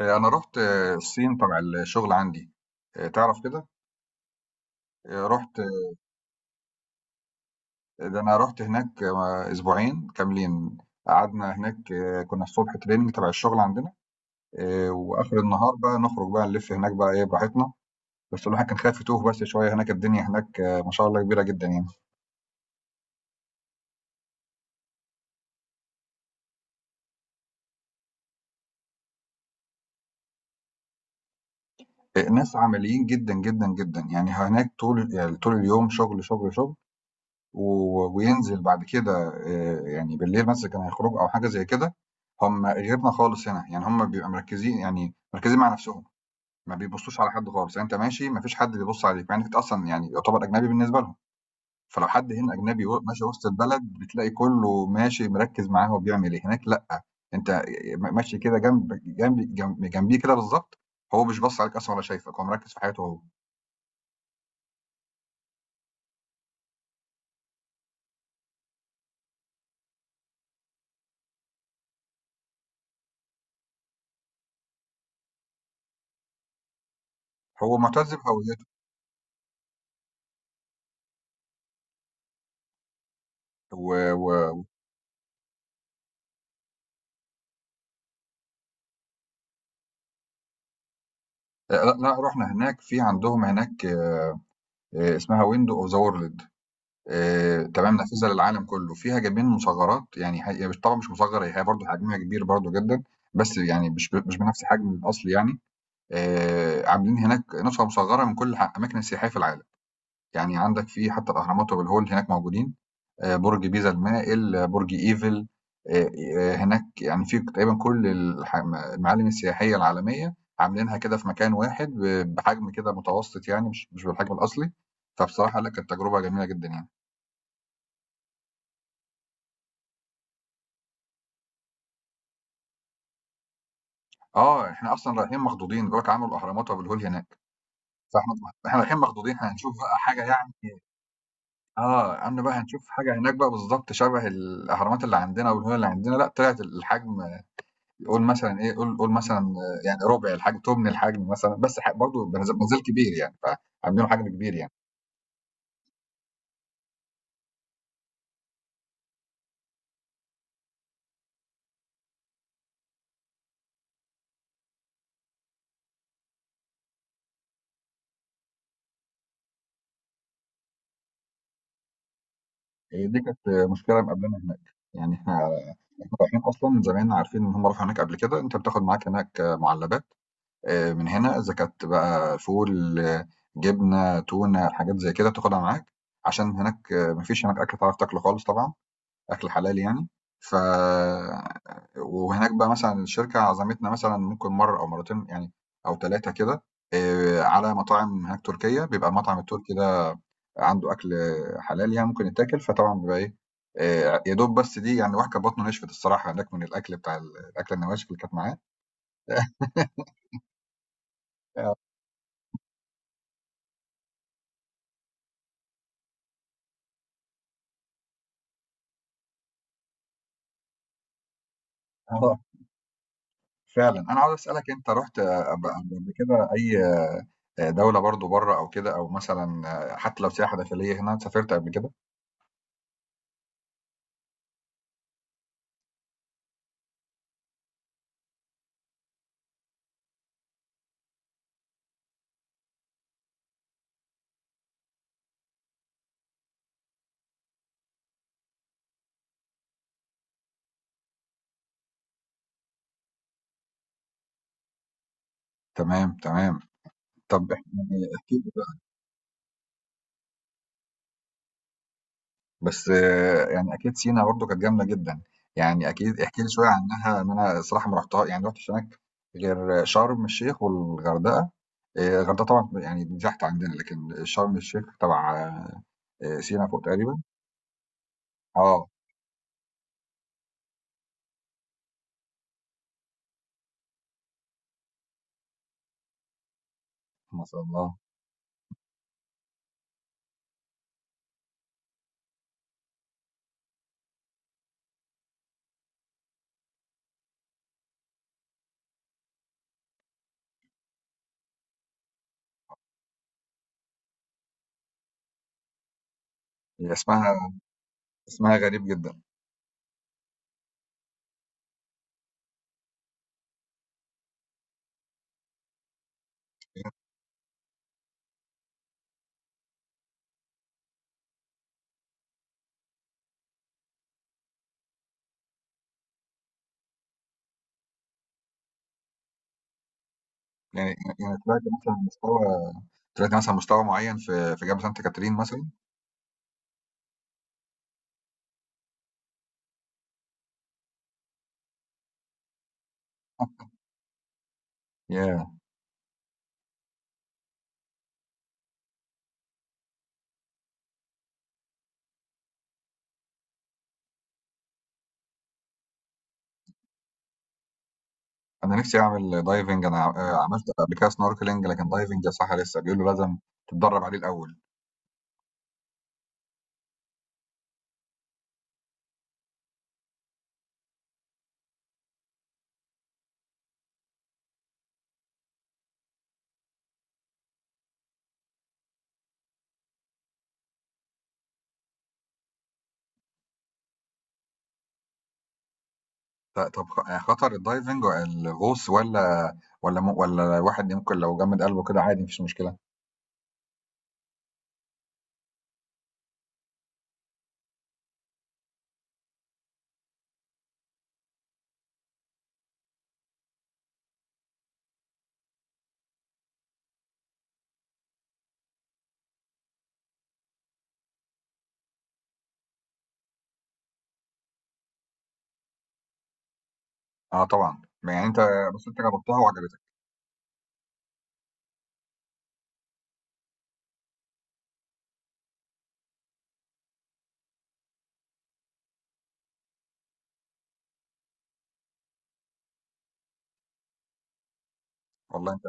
انا رحت الصين تبع الشغل عندي. تعرف كده. رحت. ده انا رحت هناك اسبوعين كاملين. قعدنا هناك كنا الصبح تريننج تبع الشغل عندنا. واخر النهار بقى نخرج بقى نلف هناك بقى ايه براحتنا. بس الواحد كان خايف يتوه بس شويه هناك. الدنيا هناك ما شاء الله كبيره جدا يعني. ناس عمليين جدا جدا جدا يعني. هناك طول يعني طول اليوم شغل شغل شغل. و وينزل بعد كده يعني بالليل مثلًا كانوا هيخرجوا أو حاجة زي كده، هم غيرنا خالص هنا، يعني هم بيبقوا مركّزين يعني مركّزين مع نَفْسهم، ما بيبصّوش على حد خالص، يعني أنت ماشي ما فيش حد بيبُص عليك، مع إنّك أنت أصلًا يعني يُعتبر أجنبي بالنسبة لهم، فلو حد هنا أجنبي و ماشي وسط البلد بتلاقي كُلّه ماشي مركّز معاه هو بيعمل إيه، هناك لأ، أنت ماشي كده جنب جنب جنب جنبيه كده بالضبط، هو مش باص عليك أصلًا ولا شايفك، هو مركّز في حياته هو، هو مُعتز بهويته. و و آه، لأ، لأ رُحنا هناك في عندهم هناك اسمها ويندو اوف ذا وورلد. تمام، نافذه للعالم كله فيها جايبين مصغرات يعني هي مش طبعا مش مصغره، هي برضه حجمها كبير برضه جدا. بس يعني مش بنفس حجم الاصل يعني. عاملين هناك نسخه مصغره من كل اماكن السياحيه في العالم. يعني عندك في حتى الاهرامات وابو الهول هناك موجودين، برج بيزا المائل، برج إيفل، آآ هناك يعني في تقريبًا كل المعالم السياحية العالمية عاملينها كده في مكان واحد بحجم كده متوسط يعني مش بالحجم الأصلي، فبصراحة لأ كانت تجربة جميلة جدًا يعني. إحنا أصلًا رايحين مخضوضين، بيقول لك عملوا الأهرامات وأبو الهول هناك، فإحنا إحنا رايحين مخضوضين إحنا هنشوف بقى حاجة يعني. قالنا بقى هنشوف حاجة هناك بقى بالضبط شبه الأهرامات اللي عندنا وأبو الهول اللي عندنا، لأ طلعت الحجم، قول مثلا إيه، قول مثلًا يعني ربع الحجم، تُمن الحجم مثلًا، بس برضه ما زال كبير يعني، فعاملينه حجم كبير يعني. هي دي كانت مشكلة مقابلانا هناك. يعني إحنا رايحين أصلًا زمايلنا عارفين إن هم راحوا هناك قبل كده، أنت بتاخد معاك هناك مُعلّبات من هنا، إذا كانت بقى فول، جبنة، تونة، حاجات زي كده بتاخدها معاك، عشان هناك ما فيش هناك أكل تعرف تاكله خالص طبعًا. أكل حلال يعني. ف وهناك بقى مثلًا الشركة عزمتنا مثلًا ممكن مرّة أو مرّتين يعني أو 3 كده على مطاعم هناك تركية، بيبقى المطعم التركي ده عنده أكل حلال يعني ممكن يتاكل، فطبعًا بيبقى إيه، يا دوب بس دي يعني الواحد كانت بطنه نشفت الصراحة هناك من الأكل بتاع الأكلة النواشف اللي كانت معاه. آه، آه فعلًا. أنا عاوز أسألك، أنت رُحت قبل قبل كده أي دولة برضه برّه أو كده أو مثلًا حتى لو سياحة داخلية هنا، سافرت قبل كده؟ تمام، تمام. طب احكِ لي احكِ لي بقى، بس يعني أكيد سينا برضه كانت جامدة جدًا، يعني أكيد احكِ لي شوية عنها إن أنا الصراحة ما رُحتها يعني ما رُحتش هناك غير شرم الشيخ والغردقة، الغردقة طبعًا يعني دي تحت عندنا، لكن شرم الشيخ تبع سينا فوق تقريبًا، آه، ما شاء الله. هي اسمها اسمها غريب جدًا، يعني يعني طلعتِ مثلًا مستوى، طلعتِ مثلًا مستوى معين في جبل سانت كاترين مثلًا؟ ياه! انا نفسي اعمل دايفنج. انا عملت قبل كده سنوركلينج لكن دايفنج يا صح لسه بيقولوا لازم تتدرب عليه الاول. طب خطر الدايفنج الغوص ولا الواحد ممكن لو جمد قلبه كده عادي مفيش مشكله؟ اه طبعا. يعني انت، بس انت جربتها وعجبتك. والله انت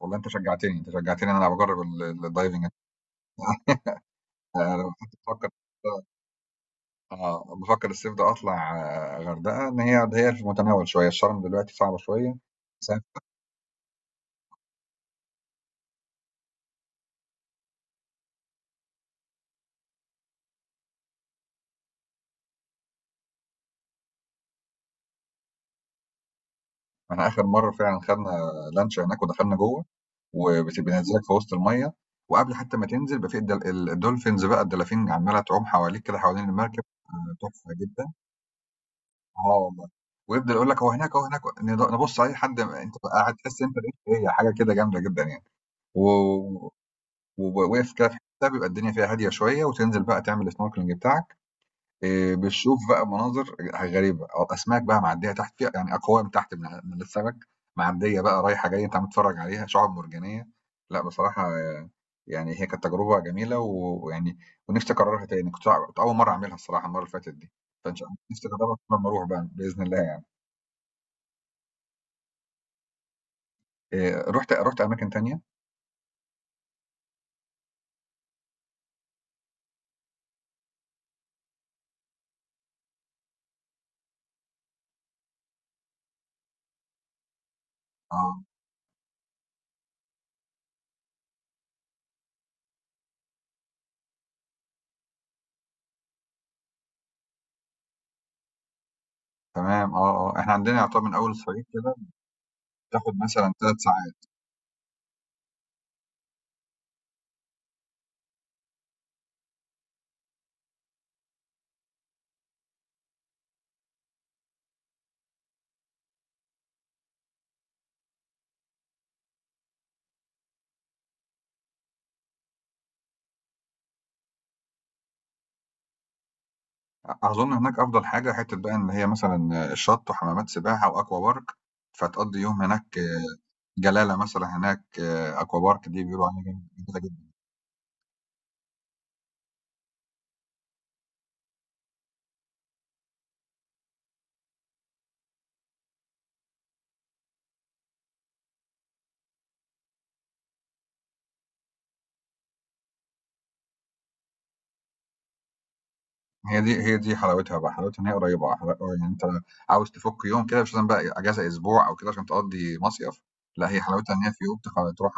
والله انت شجعتني ان انا بجرب الدايفنج. لو كنت بفكر، اه بفكر الصيف ده اطلع غردقه ان هي في المتناول شويه الشرم دلوقتي صعبه شويه. احنا اخر مره فعلا خدنا لانش هناك ودخلنا جوه وبينزلك في وسط الميه، وقبل حتى ما تنزل بقى في الدولفينز بقى الدلافين عماله تعوم حواليك كده حوالين المركب تحفه جدا. اه والله. ويفضل يقول لك هو هناك نبص على اي حد انت بقى قاعد تحس انت ايه، هي حاجه كده جامده جدا يعني. و- وواقف كده في حته بيبقى الدنيا فيها هاديه شويه وتنزل بقى تعمل السنوركلينج بتاعك. بنشوف بقى مناظر غريبة، أسماك بقى معدية تحت فيها يعني أقوام تحت من السمك، معدية بقى رايحة جاية أنت عم تتفرّج عليها، شعاب مرجانية، لأ بصراحة يعني هي كانت تجربة جميلة ويعني ونفسي أكررها تاني، كنت أول مرّة أعملها الصراحة المرّة اللي فاتت دي، فإن شاء الله نفسي أجربها لمّا أروح بقى بإذن الله يعني. رُحت أماكن تانية؟ آه، تمام، إحنا عندنا يعتبر من أول الصعيد كده، بتاخد مثلًا 3 ساعات. أظن هناك أفضل حاجة حتّة بقى إن هي مثلًا الشط وحمامات سباحة وأكوا بارك، فتقضّي يوم هناك، جلالة مثلًا هناك أكوا بارك دي بيقولوا عليها جميلة جدًا. هي دي حلاوتها بقى، حلاوتها إن هي قريّبة، يعني أنت عاوز تفُك يوم كده مش لازم بقى إجازة أسبوع أو كده عشان تقضّي مصيف، لأ هي حلاوتها إن هي في يوم تروح.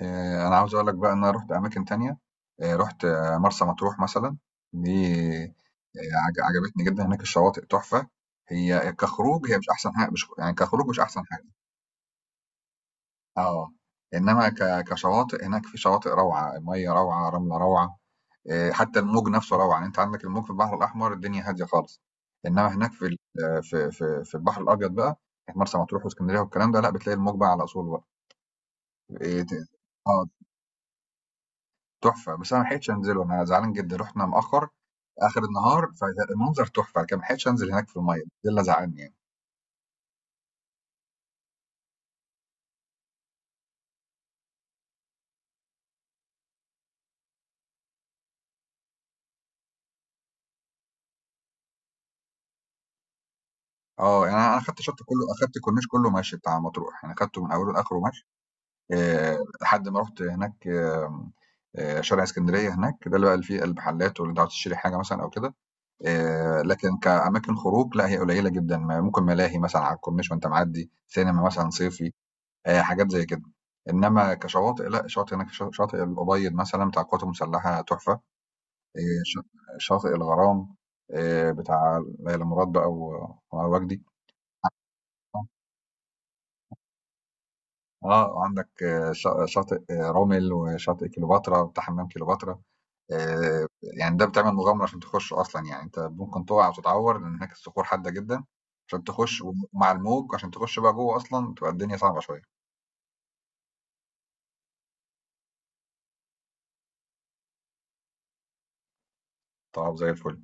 أنا عاوز أقول لك بقى إن أنا رُحت أماكن تانية، رُحت مرسى مطروح مثلًا، دي آآ عج عجبتني جدًا، هناك الشواطئ تحفة، هي كخروج هي مش أحسن حاجة، مش يعني كخروج مش أحسن حاجة، آه، إنما كشواطئ هناك في شواطئ روعة، المَيّة روعة، رملة روعة، حتى الموج نفسه روعة، يعني أنت عندك الموج في البحر الأحمر الدنيا هادية خالص، إنما هناك في ال آه، في البحر الأبيض بقى، مرسى مطروح وإسكندرية والكلام ده لأ، بتلاقي الموج بقى على أصوله بقى، ت آه. تحفة، بس أنا ما لحقتش أنزله، أنا زعلان جدًا، رُحنا متأخّر آخر النهار، فالمنظر تحفة، لكن ما لحقتش أنزل هناك في المَيّة، ده اللي زعّلني يعني. يعني أنا أخدت الشط كلّه أخدت الكورنيش كلّه مَشي بتاع مطروح، يعني أخدته من أوله لآخره مَشي، لحد ما رُحت هناك شارع إسكندرية هناك، ده اللي بقى اللي فيه المحلات واللي أنت عاوز تشتري حاجة مثلًا أو كده، لكن كأماكن خروج لأ، هي قليّلة جدًا، ممكن ملاهي مثلًا على الكورنيش وأنت معدّي، سينما مثلًا صيفي. حاجات زي كده. إنما كشواطئ لأ، شاطئ هناك شاطئ الأبيض مثلًا بتاع القوات المسلحة تحفة، ش شاطئ الغرام بتاع ليلى مراد بقى وعلي وجدي. وعندك شاطئ رُمل وشاطئ كليوباترا بتاع حمام كليوباترا، آآ يعني ده بتعمل مغامرة عشان تخشه أصلًا، يعني أنت ممكن تُقع وتتعور لأن هناك الصخور حادة جدًا عشان تخش ومع الموج عشان تخش بقى جوّه أصلًا تبقى الدنيا صعبة شوية. طَب زي الفل.